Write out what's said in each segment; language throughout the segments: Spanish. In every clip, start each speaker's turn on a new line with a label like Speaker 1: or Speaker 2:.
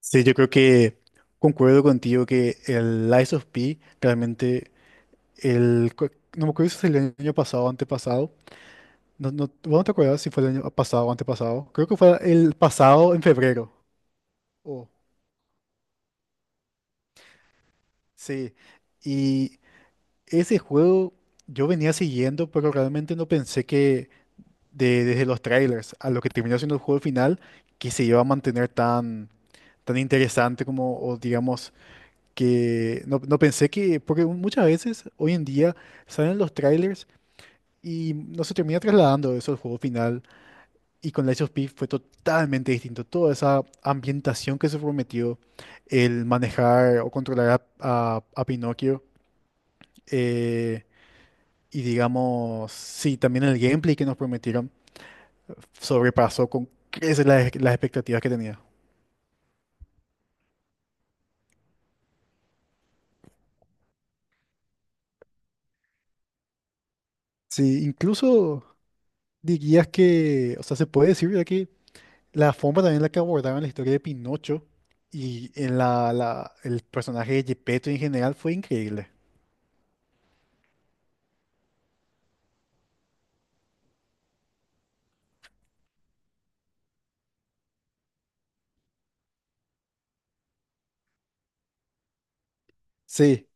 Speaker 1: Sí, yo creo que concuerdo contigo que el Lies of P realmente, el, cu- no me acuerdo si fue el año pasado o antepasado. No, no, ¿vos no te acuerdas si fue el año pasado o antepasado? Creo que fue el pasado en febrero. Oh, sí, y ese juego yo venía siguiendo, pero realmente no pensé que desde los trailers a lo que terminó siendo el juego final, que se iba a mantener tan, tan interesante como, o digamos que no pensé que, porque muchas veces hoy en día salen los trailers y no se termina trasladando eso al juego final. Y con Lies of P fue totalmente distinto. Toda esa ambientación que se prometió, el manejar o controlar a, a Pinocchio, eh, y digamos, sí, también el gameplay que nos prometieron sobrepasó con creces las expectativas que tenía. Sí, incluso dirías que, o sea, se puede decir ya. La forma también en la que abordaron la historia de Pinocho y en el personaje de Gepetto en general fue increíble. Sí,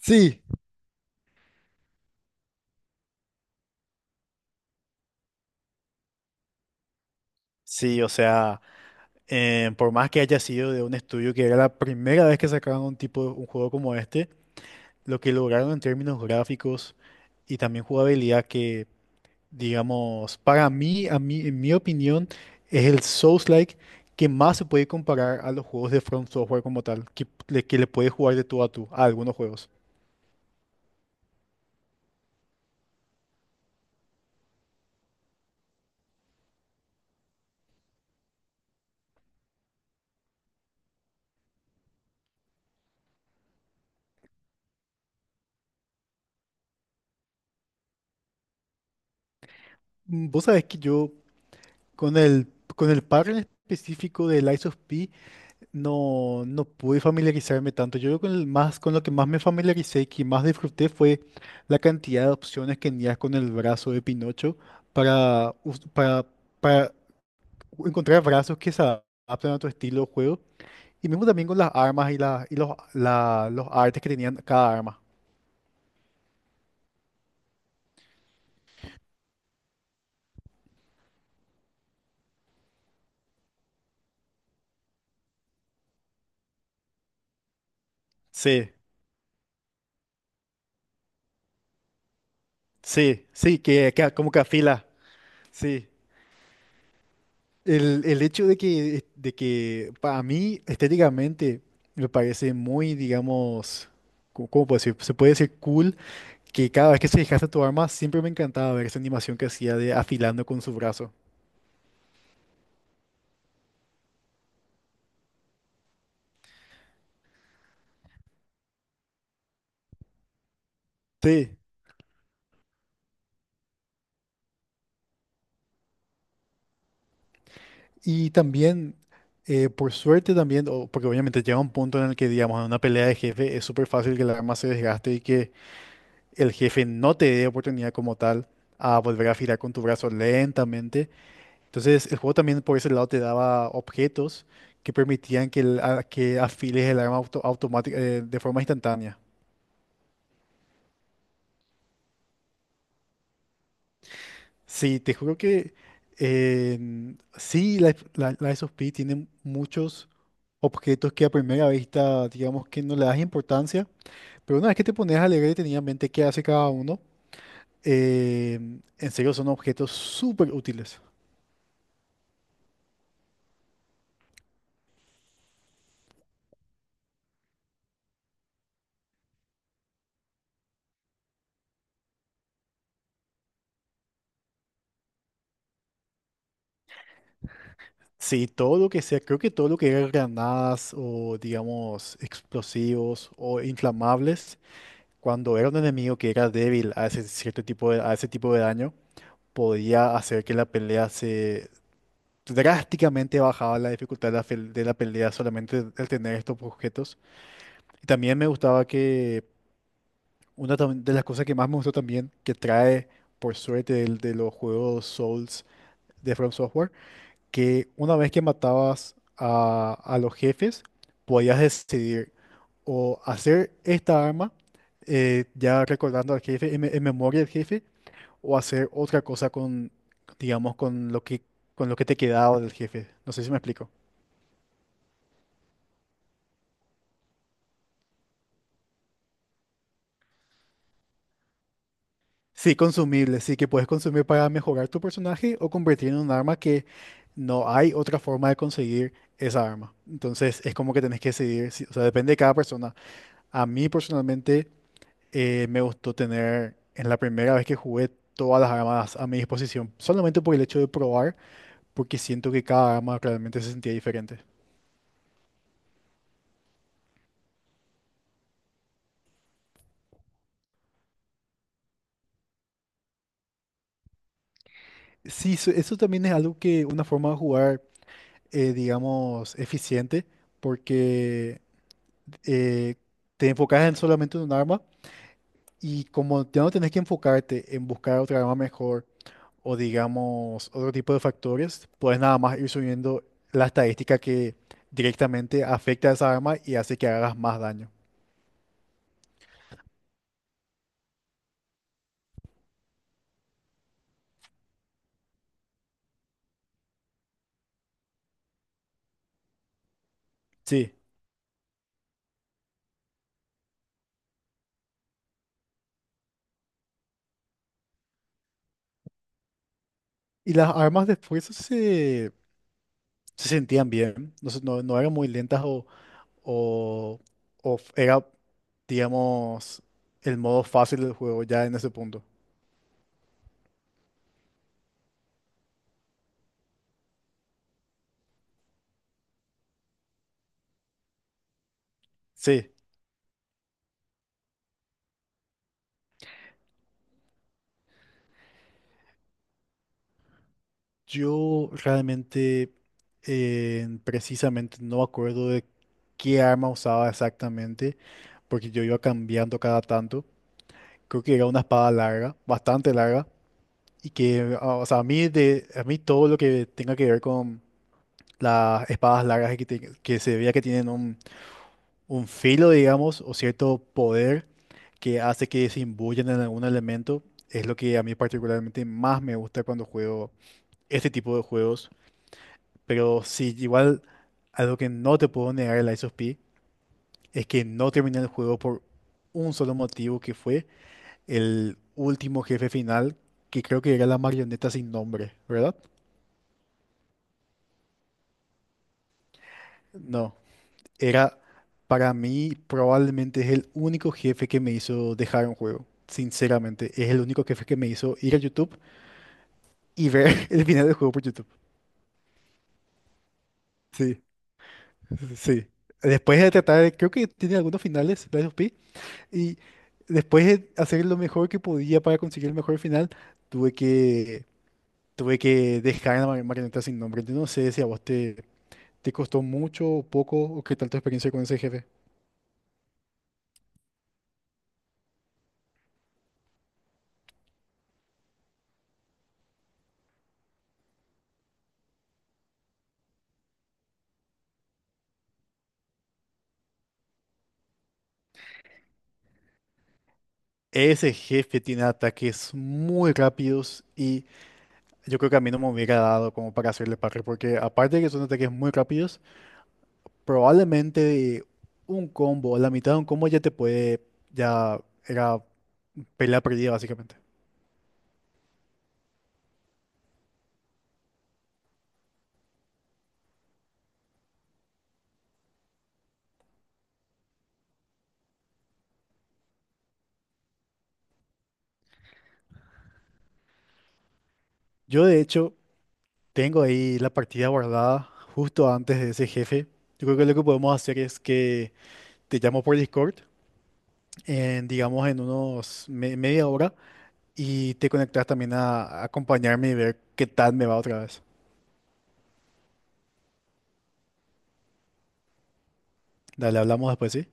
Speaker 1: sí. Sí, o sea, por más que haya sido de un estudio que era la primera vez que sacaron un tipo, un juego como este, lo que lograron en términos gráficos y también jugabilidad que, digamos, para mí, a mí, en mi opinión, es el Souls-like que más se puede comparar a los juegos de From Software como tal, que, que le puede jugar de tú a tú a algunos juegos. Mm, vos sabés que yo con el, con el par en específico de Lies of P no, no pude familiarizarme tanto. Yo creo que con el más, con lo que más me familiaricé y que más disfruté fue la cantidad de opciones que tenías con el brazo de Pinocho para, para encontrar brazos que se adaptan a tu estilo de juego. Y mismo también con las armas y, la, y los, los artes que tenían cada arma. Sí, sí, sí, que como que afila. Sí. El hecho de que para mí estéticamente me parece muy, digamos, ¿cómo cómo puedo decir? Se puede decir cool que cada vez que se desgasta tu arma siempre me encantaba ver esa animación que hacía de afilando con su brazo. Sí, y también, por suerte también, porque obviamente llega un punto en el que, digamos, en una pelea de jefe es súper fácil que el arma se desgaste y que el jefe no te dé oportunidad como tal a volver a afilar con tu brazo lentamente. Entonces, el juego también por ese lado te daba objetos que permitían que, que afiles el arma auto, automática, de forma instantánea. Sí, te juro que eh, sí, la, la, la SOP tiene muchos objetos que a primera vista, digamos que no le das importancia, pero una vez que te pones a leer detenidamente qué hace cada uno, eh, en serio son objetos súper útiles. Sí, todo lo que sea, creo que todo lo que era granadas o digamos explosivos o inflamables, cuando era un enemigo que era débil a ese cierto tipo de, a ese tipo de daño, podía hacer que la pelea se drásticamente bajaba la dificultad de de la pelea solamente el tener estos objetos. Y también me gustaba que de las cosas que más me gustó también, que trae por suerte de, los juegos Souls de From Software, que una vez que matabas a los jefes, podías decidir o hacer esta arma, ya recordando al jefe, en memoria del jefe, o hacer otra cosa con, digamos, con lo que te quedaba del jefe. No sé si me explico. Sí, consumible, sí, que puedes consumir para mejorar tu personaje o convertir en un arma que no hay otra forma de conseguir esa arma. Entonces es como que tenés que decidir, o sea, depende de cada persona. A mí personalmente me gustó tener en la primera vez que jugué todas las armas a mi disposición, solamente por el hecho de probar, porque siento que cada arma realmente se sentía diferente. Sí, eso también es algo que una forma de jugar, digamos, eficiente, porque eh, te enfocas en solamente en un arma y como ya no tenés que enfocarte en buscar otra arma mejor o digamos otro tipo de factores, puedes nada más ir subiendo la estadística que directamente afecta a esa arma y hace que hagas más daño. Sí, y las armas de fuerza se, se sentían bien, no, no, no eran muy lentas o, era, digamos, el modo fácil del juego ya en ese punto. Sí, yo realmente precisamente no me acuerdo de qué arma usaba exactamente, porque yo iba cambiando cada tanto. Creo que era una espada larga, bastante larga, y que, ah, o sea, a mí, de, a mí todo lo que tenga que ver con las espadas largas que, que se veía que tienen un filo, digamos, o cierto poder que hace que se imbuyan en algún elemento. Es lo que a mí particularmente más me gusta cuando juego este tipo de juegos. Pero sí, igual algo que no te puedo negar el Lies of P es que no terminé el juego por un solo motivo que fue el último jefe final, que creo que era la marioneta sin nombre, ¿verdad? No. Era, para mí, probablemente es el único jefe que me hizo dejar un juego. Sinceramente, es el único jefe que me hizo ir a YouTube y ver el final del juego por YouTube. Sí, sí. Después de tratar, creo que tiene algunos finales, Lies of P, y después de hacer lo mejor que podía para conseguir el mejor final, tuve que, tuve que dejar a la marioneta sin nombre. Yo no sé si a vos te, te costó mucho o poco, o qué tal tu experiencia con ese jefe. Ese jefe tiene ataques muy rápidos y yo creo que a mí no me hubiera dado como para hacerle parry, porque aparte de que son ataques muy rápidos, probablemente un combo, la mitad de un combo ya te puede, ya era pelea perdida básicamente. Yo de hecho tengo ahí la partida guardada justo antes de ese jefe. Yo creo que lo que podemos hacer es que te llamo por Discord, digamos en unos media hora, y te conectas también a acompañarme y ver qué tal me va otra vez. Dale, hablamos después, ¿sí?